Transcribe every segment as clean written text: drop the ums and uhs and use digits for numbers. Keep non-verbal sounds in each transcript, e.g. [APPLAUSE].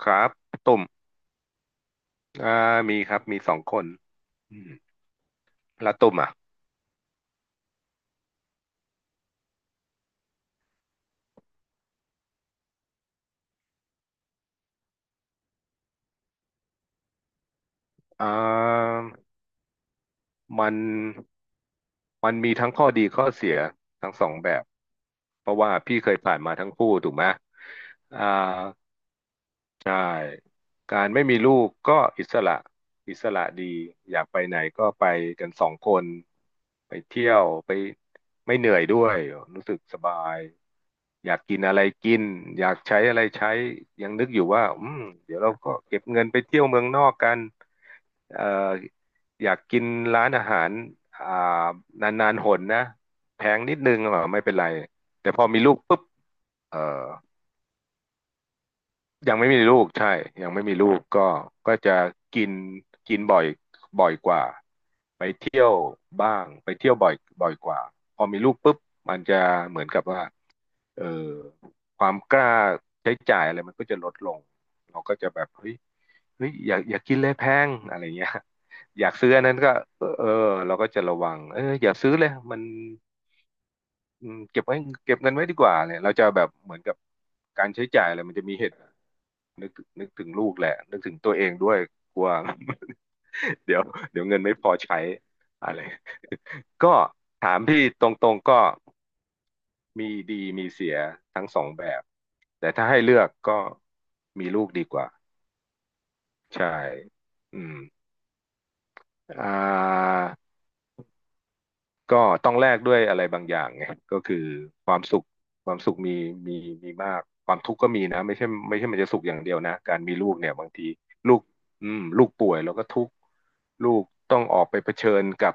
ครับตุ่มอ่ามีครับมีสองคนอืมแล้วตุ่มอ่ะอ่ามันมันมีทั้งข้อดีข้อเสียทั้งสองแบบเพราะว่าพี่เคยผ่านมาทั้งคู่ถูกไหมอ่า ใช่การไม่มีลูกก็อิสระอิสระดีอยากไปไหนก็ไปกันสองคนไปเที่ยวไปไม่เหนื่อยด้วยรู้สึกสบายอยากกินอะไรกินอยากใช้อะไรใช้ยังนึกอยู่ว่าอืมเดี๋ยวเราก็เก็บเงินไปเที่ยวเมืองนอกกันเอ่ออยากกินร้านอาหารอ่านานๆหนนะแพงนิดนึงอ่ะไม่เป็นไรแต่พอมีลูกปุ๊บเออ ยังไม่มีลูกใช่ยังไม่มีลูกก็ก็จะกินกินบ่อยกว่าไปเที่ยวบ้างไปเที่ยวบ่อยกว่าพอมีลูกปุ๊บมันจะเหมือนกับว่าเออความกล้าใช้จ่ายอะไรมันก็จะลดลงเราก็จะแบบเฮ้ยอย่ากินเลยแพงอะไรเงี้ยอยากซื้ออันนั้นก็เออเออเราก็จะระวังอย่าซื้อเลยมันเก็บไว้เก็บเงินไว้ดีกว่าเนี่ยเราจะแบบเหมือนกับการใช้จ่ายอะไรมันจะมีเหตุ นึกนึกถึงลูกแหละนึกถึงตัวเองด้วยกลัว [LAUGHS] เดี๋ยวเดี๋ยวเงินไม่พอใช้อะไร [LAUGHS] ก็ถามพี่ตรงๆก็มีดีมีเสียทั้งสองแบบแต่ถ้าให้เลือกก็มีลูกดีกว่าใช่อืมอ่า ก็ต้องแลกด้วยอะไรบางอย่างไงก็คือความสุขความสุขมีมีมากความทุกข์ก็มีนะไม่ใช่ไม่ใช่มันจะสุขอย่างเดียวนะการมีลูกเนี่ยบางทีลูกลูกป่วยแล้วก็ทุกข์ลูกต้องออกไปเผชิญกับ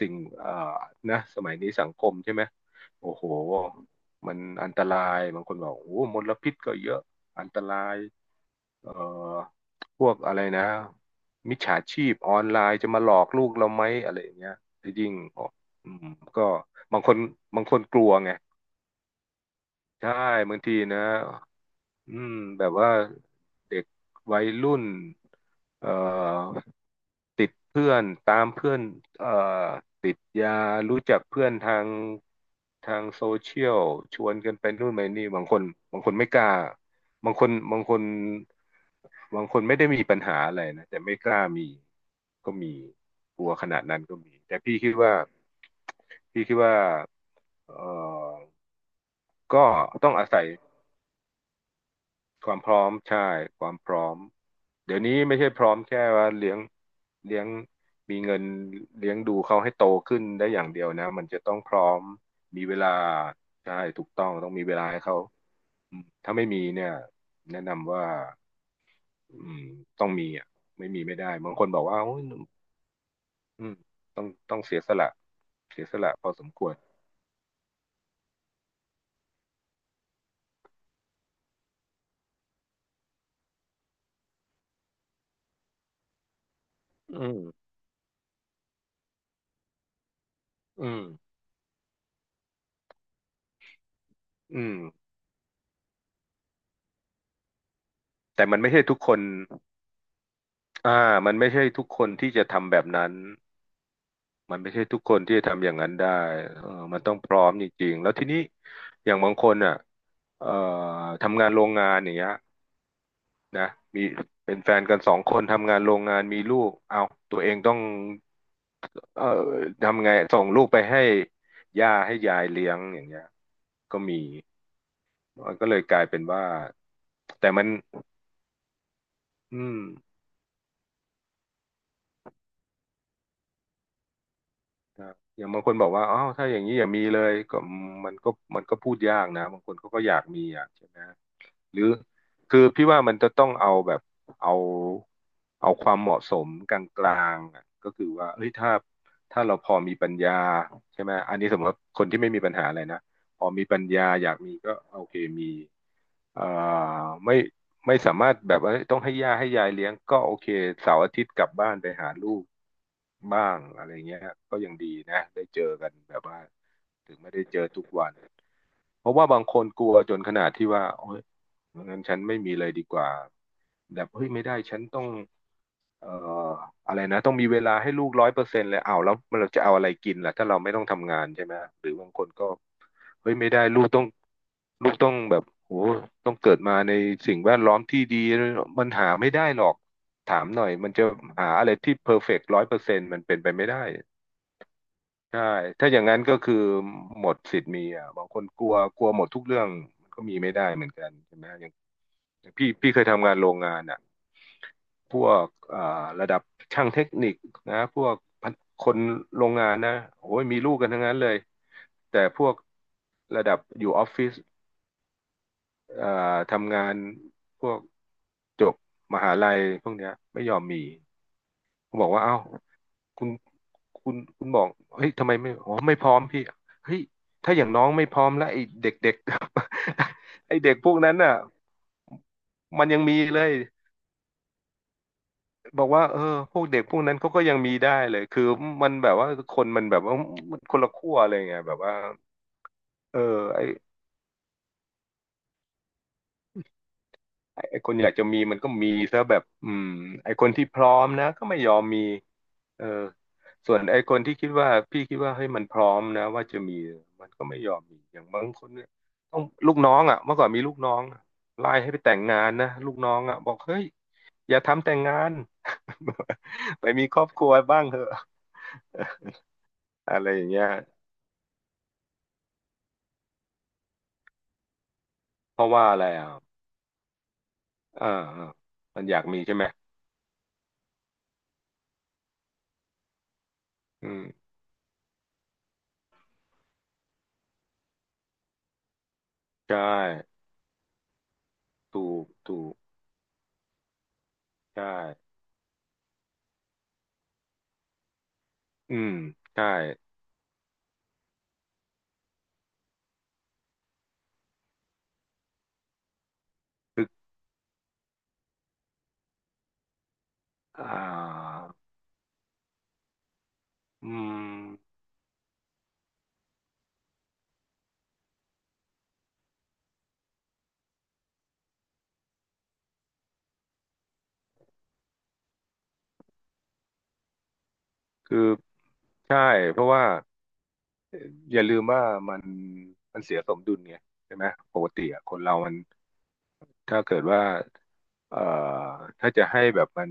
สิ่งนะสมัยนี้สังคมใช่ไหมโอ้โหมันอันตรายบางคนบอกโอ้มลพิษก็เยอะอันตราย เอ่อพวกอะไรนะมิจฉาชีพออนไลน์จะมาหลอกลูกเราไหมอะไรอย่างเงี้ยแต่ยิ่งอออืมก็บางคนกลัวไงใช่บางทีนะ อืมแบบว่าเด็กวัยรุ่นเอ่อติดเพื่อนตามเพื่อนเอ่อติดยารู้จักเพื่อนทางโซเชียลชวนกันไปนู่นไปนี่บางคนไม่กล้าบางคนบางคนบางคนไม่ได้มีปัญหาอะไรนะแต่ไม่กล้ามีก็มีกลัวขนาดนั้นก็มีแต่พี่คิดว่าเอ่อก็ต้องอาศัย ความพร้อมใช่ความพร้อมเดี๋ยวนี้ไม่ใช่พร้อมแค่ว่าเลี้ยงมีเงินเลี้ยงดูเขาให้โตขึ้นได้อย่างเดียวนะมันจะต้องพร้อมมีเวลาใช่ถูกต้องต้องมีเวลาให้เขาถ้าไม่มีเนี่ยแนะนำว่าอืมต้องมีอ่ะไม่มีไม่ได้บางคนบอกว่าโอ้ยอืมต้องเสียสละเสียสละพอสมควรอืมอืมอืมแต่มันไม่ใช่ทุกคนอ่ามันไม่ใช่ทุกคนที่จะทำแบบนั้น มันไม่ใช่ทุกคนที่จะทำอย่างนั้นได้เออมันต้องพร้อมจริงๆแล้วทีนี้อย่างบางคนอ่ะเอ่อทำงานโรงงานอย่างเงี้ยนะมีเป็นแฟนกันสองคนทำงานโรงงานมีลูกเอาตัวเองต้องเอ่อทำไงส่งลูกไปให้ย่าให้ยายเลี้ยงอย่างเงี้ยก็มีมันก็เลยกลายเป็นว่าแต่มันอืมครับอย่างบางคนบอกว่าอ้าวถ้าอย่างนี้อย่ามีเลยก็มันก็มันก็พูดยากนะ บางคนเขาก็อยากมีอ่ะใช่ไหม หรือคือพี่ว่ามันจะต้องเอาแบบเอาเอาความเหมาะสมกลางๆอะก็คือว่าเฮ้ยถ้าเราพอมีปัญญาใช่ไหมอันนี้สมมติว่าคนที่ไม่มีปัญหาอะไรนะพอมีปัญญาอยากมีก็โอเคมีเอ่อไม่ไม่สามารถแบบว่าต้องให้ย่าให้ยายเลี้ยงก็โอเคเสาร์อาทิตย์กลับบ้านไปหาลูกบ้างอะไรเงี้ยก็ยังดีนะได้เจอกันแบบว่าถึงไม่ได้เจอทุกวัน เพราะว่าบางคนกลัวจนขนาดที่ว่าโอ้ยงั้นฉันไม่มีเลยดีกว่าแบบเฮ้ยไม่ได้ฉันต้องเอ่ออะไรนะต้องมีเวลาให้ลูกร้อยเปอร์เซ็นต์เลยอ้าวแล้วเราจะเอาอะไรกินล่ะถ้าเราไม่ต้องทำงานใช่ไหมหรือบางคนก็เฮ้ยไม่ได้ลูกต้องแบบโหต้องเกิดมาในสิ่งแวดล้อมที่ดีมันหาไม่ได้หรอกถามหน่อยมันจะหาอะไรที่เพอร์เฟกต์ร้อยเปอร์เซ็นต์มันเป็นไปไม่ได้ ใช่ ถ้าอย่างนั้นก็คือหมดสิทธิ์มีอ่ะบางคนกลัวกลัวหมดทุกเรื่องมันก็มีไม่ได้เหมือนกันใช่ไหมอย่างอย่างพี่เคยทำงานโรงงานอ่ะพวกระดับช่างเทคนิคนะพวกพันคนโรงงานนะโอ้ยมีลูกกันทั้งนั้นเลย แต่พวกระดับอยู่ออฟฟิศเอ่อทำงานพวกจบมหาลัยพวกเนี้ยไม่ยอมมี ผมบอกว่าเอ้าคุณคุณบอกเฮ้ยทำไมไม่อ๋อไม่พร้อมพี่เฮ้ยถ้าอย่างน้องไม่พร้อมแล้วไอ้เด็กๆ [LAUGHS] ไอ้เด็กพวกนั้นน่ะมันยังมีเลยบอกว่าเออพวกเด็กพวกนั้นเขาก็ยังมีได้เลยคือมันแบบว่าคนมันแบบว่ามันคนละขั้วอะไรเงี้ยแบบว่าเออ ไอ้คนอยากจะมีมันก็มีซะแบบอืมไอ้คนที่พร้อมนะก็ไม่ยอมมีเออส่วนไอ้คนที่คิดว่าพี่คิดว่าเฮ้ยมันพร้อมนะว่าจะมีมันก็ไม่ยอมมีอย่างบางคนเนี่ยต้องลูกน้องอ่ะเมื่อก่อนมีลูกน้องไล่ให้ไปแต่งงานนะลูกน้องอ่ะบอกเฮ้ยอย่าทำแต่งงาน [LAUGHS] ไปมีครอบครัวบ้างเถอะ [LAUGHS] อะไรอย่างเงี้ยเพราะว่าอะไรอ่ะอ่าอามันอยากมีใช่ไหมอืมใช่ถูกใช่อืมใช่ อ่าอืมคือใช่ เพราะว่าอย่าลืมว่ามันมันเสียสมดุลไงใช่ไหมปกติอะคนเรามันถ้าเกิดว่าเอ่อถ้าจะให้แบบมัน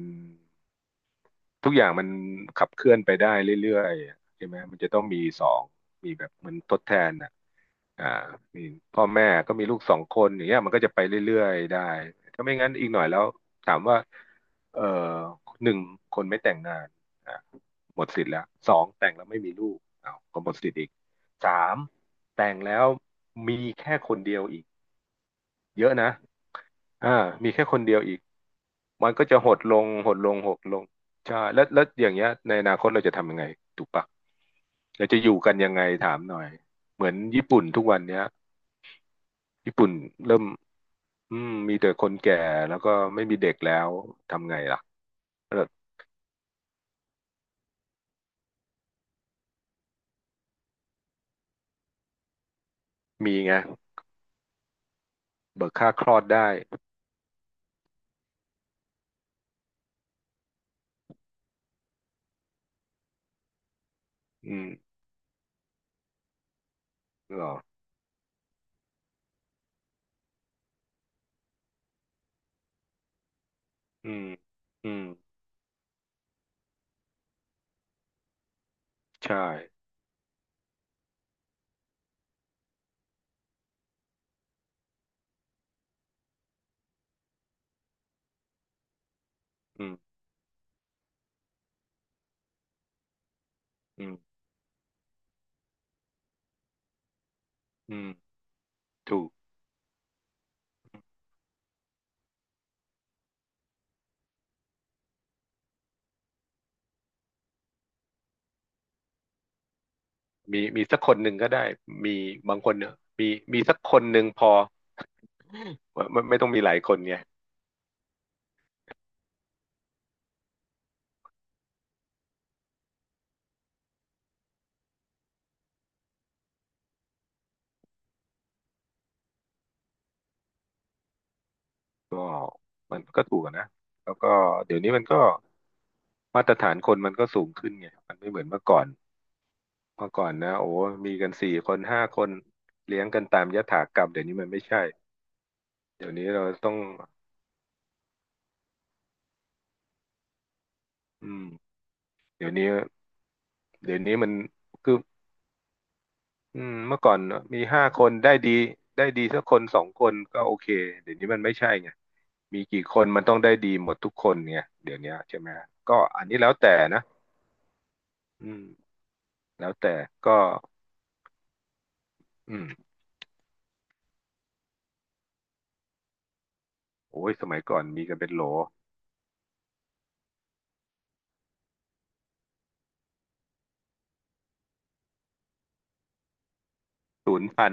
ทุกอย่างมันขับเคลื่อนไปได้เรื่อยๆอะใช่ไหมมันจะต้องมีสองมีแบบเหมือนทดแทนอ่ะอ่ามีพ่อแม่ก็มีลูกสองคนอย่างเงี้ยมันก็จะไปเรื่อยๆได้ถ้าไม่งั้นอีกหน่อยแล้วถามว่าเอ่อหนึ่งคนไม่แต่งงานอ่ะหมดสิทธิ์แล้วสองแต่งแล้วไม่มีลูกอ้าวก็หมดสิทธิ์อีกสามแต่งแล้วมีแค่คนเดียวอีกเยอะนะอ่ามีแค่คนเดียวอีก มันก็จะหดลงใช่แล้วแล้วอย่างเงี้ยในอนาคตเราจะทำยังไงถูกปะเราจะอยู่กันยังไงถามหน่อยเหมือนญี่ปุ่นทุกวันเนี้ยญี่ปุ่นเริ่มอืมมีแต่คนแก่แล้วก็ไม่มีเด็กแล้วทำไงล่ะเออมีไงเบิกค่าคลอดได้อืมเหรออืมอืมใช่อืมอืมอืมถูกมีสักคนหนึ่งก็ได้มีบางคนเนี่ยมีมีสักคนหนึ่งพอ [LAUGHS] ไม่ต้องมีหลายคนไง ก็มันก็ถูกอะนะแล้วก็เดี๋ยวนี้มันก็มาตรฐานคนมันก็สูงขึ้นไงมันไม่เหมือนเมื่อก่อนเมื่อก่อนนะโอ้มีกันสี่คนห้าคนเลี้ยงกันตามยถากรรมเดี๋ยวนี้มันไม่ใช่เดี๋ยวนี้เราต้องอืมเดี๋ยวนี้เดี๋ยวนี้มันคืออืมเมื่อก่อนมีห้าคนได้ดีได้ดีสักคนสองคนก็โอเคเดี๋ยวนี้มันไม่ใช่ไงมีกี่คนมันต้องได้ดีหมดทุกคนไงเดี๋ยวนี้ใช่ไหมก็อันนี้แล้วแต่นะอืมแล้วแต่ก็อืม โอ้ยสมัยก่อนมีกันเป็นโหลศูนย์พัน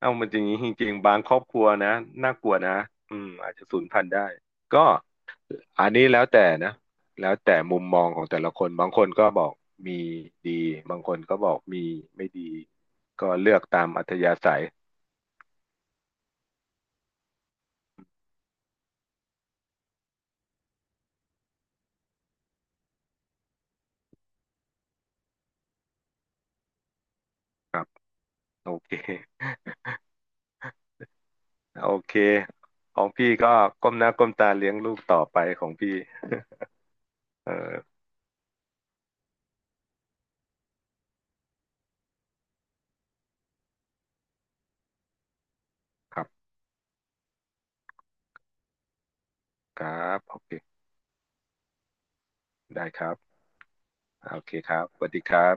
เอ้ามันจริงจริงๆบางครอบครัวนะน่ากลัวนะอืมอาจจะศูนย์พันได้ก็อันนี้แล้วแต่นะแล้วแต่มุมมองของแต่ละคนบางคนก็บอกมีดีบางคนก็บอกมีไม่ดีก็เลือกตามอัธยาศัยครับโอเคโอเคของพี่ก็ก้มหน้าก้มตาเลี้ยงลูกต่อไปของพี่ [LAUGHS] เออครับครับโอเคได้ครับโอเคครับสวัสดีครับ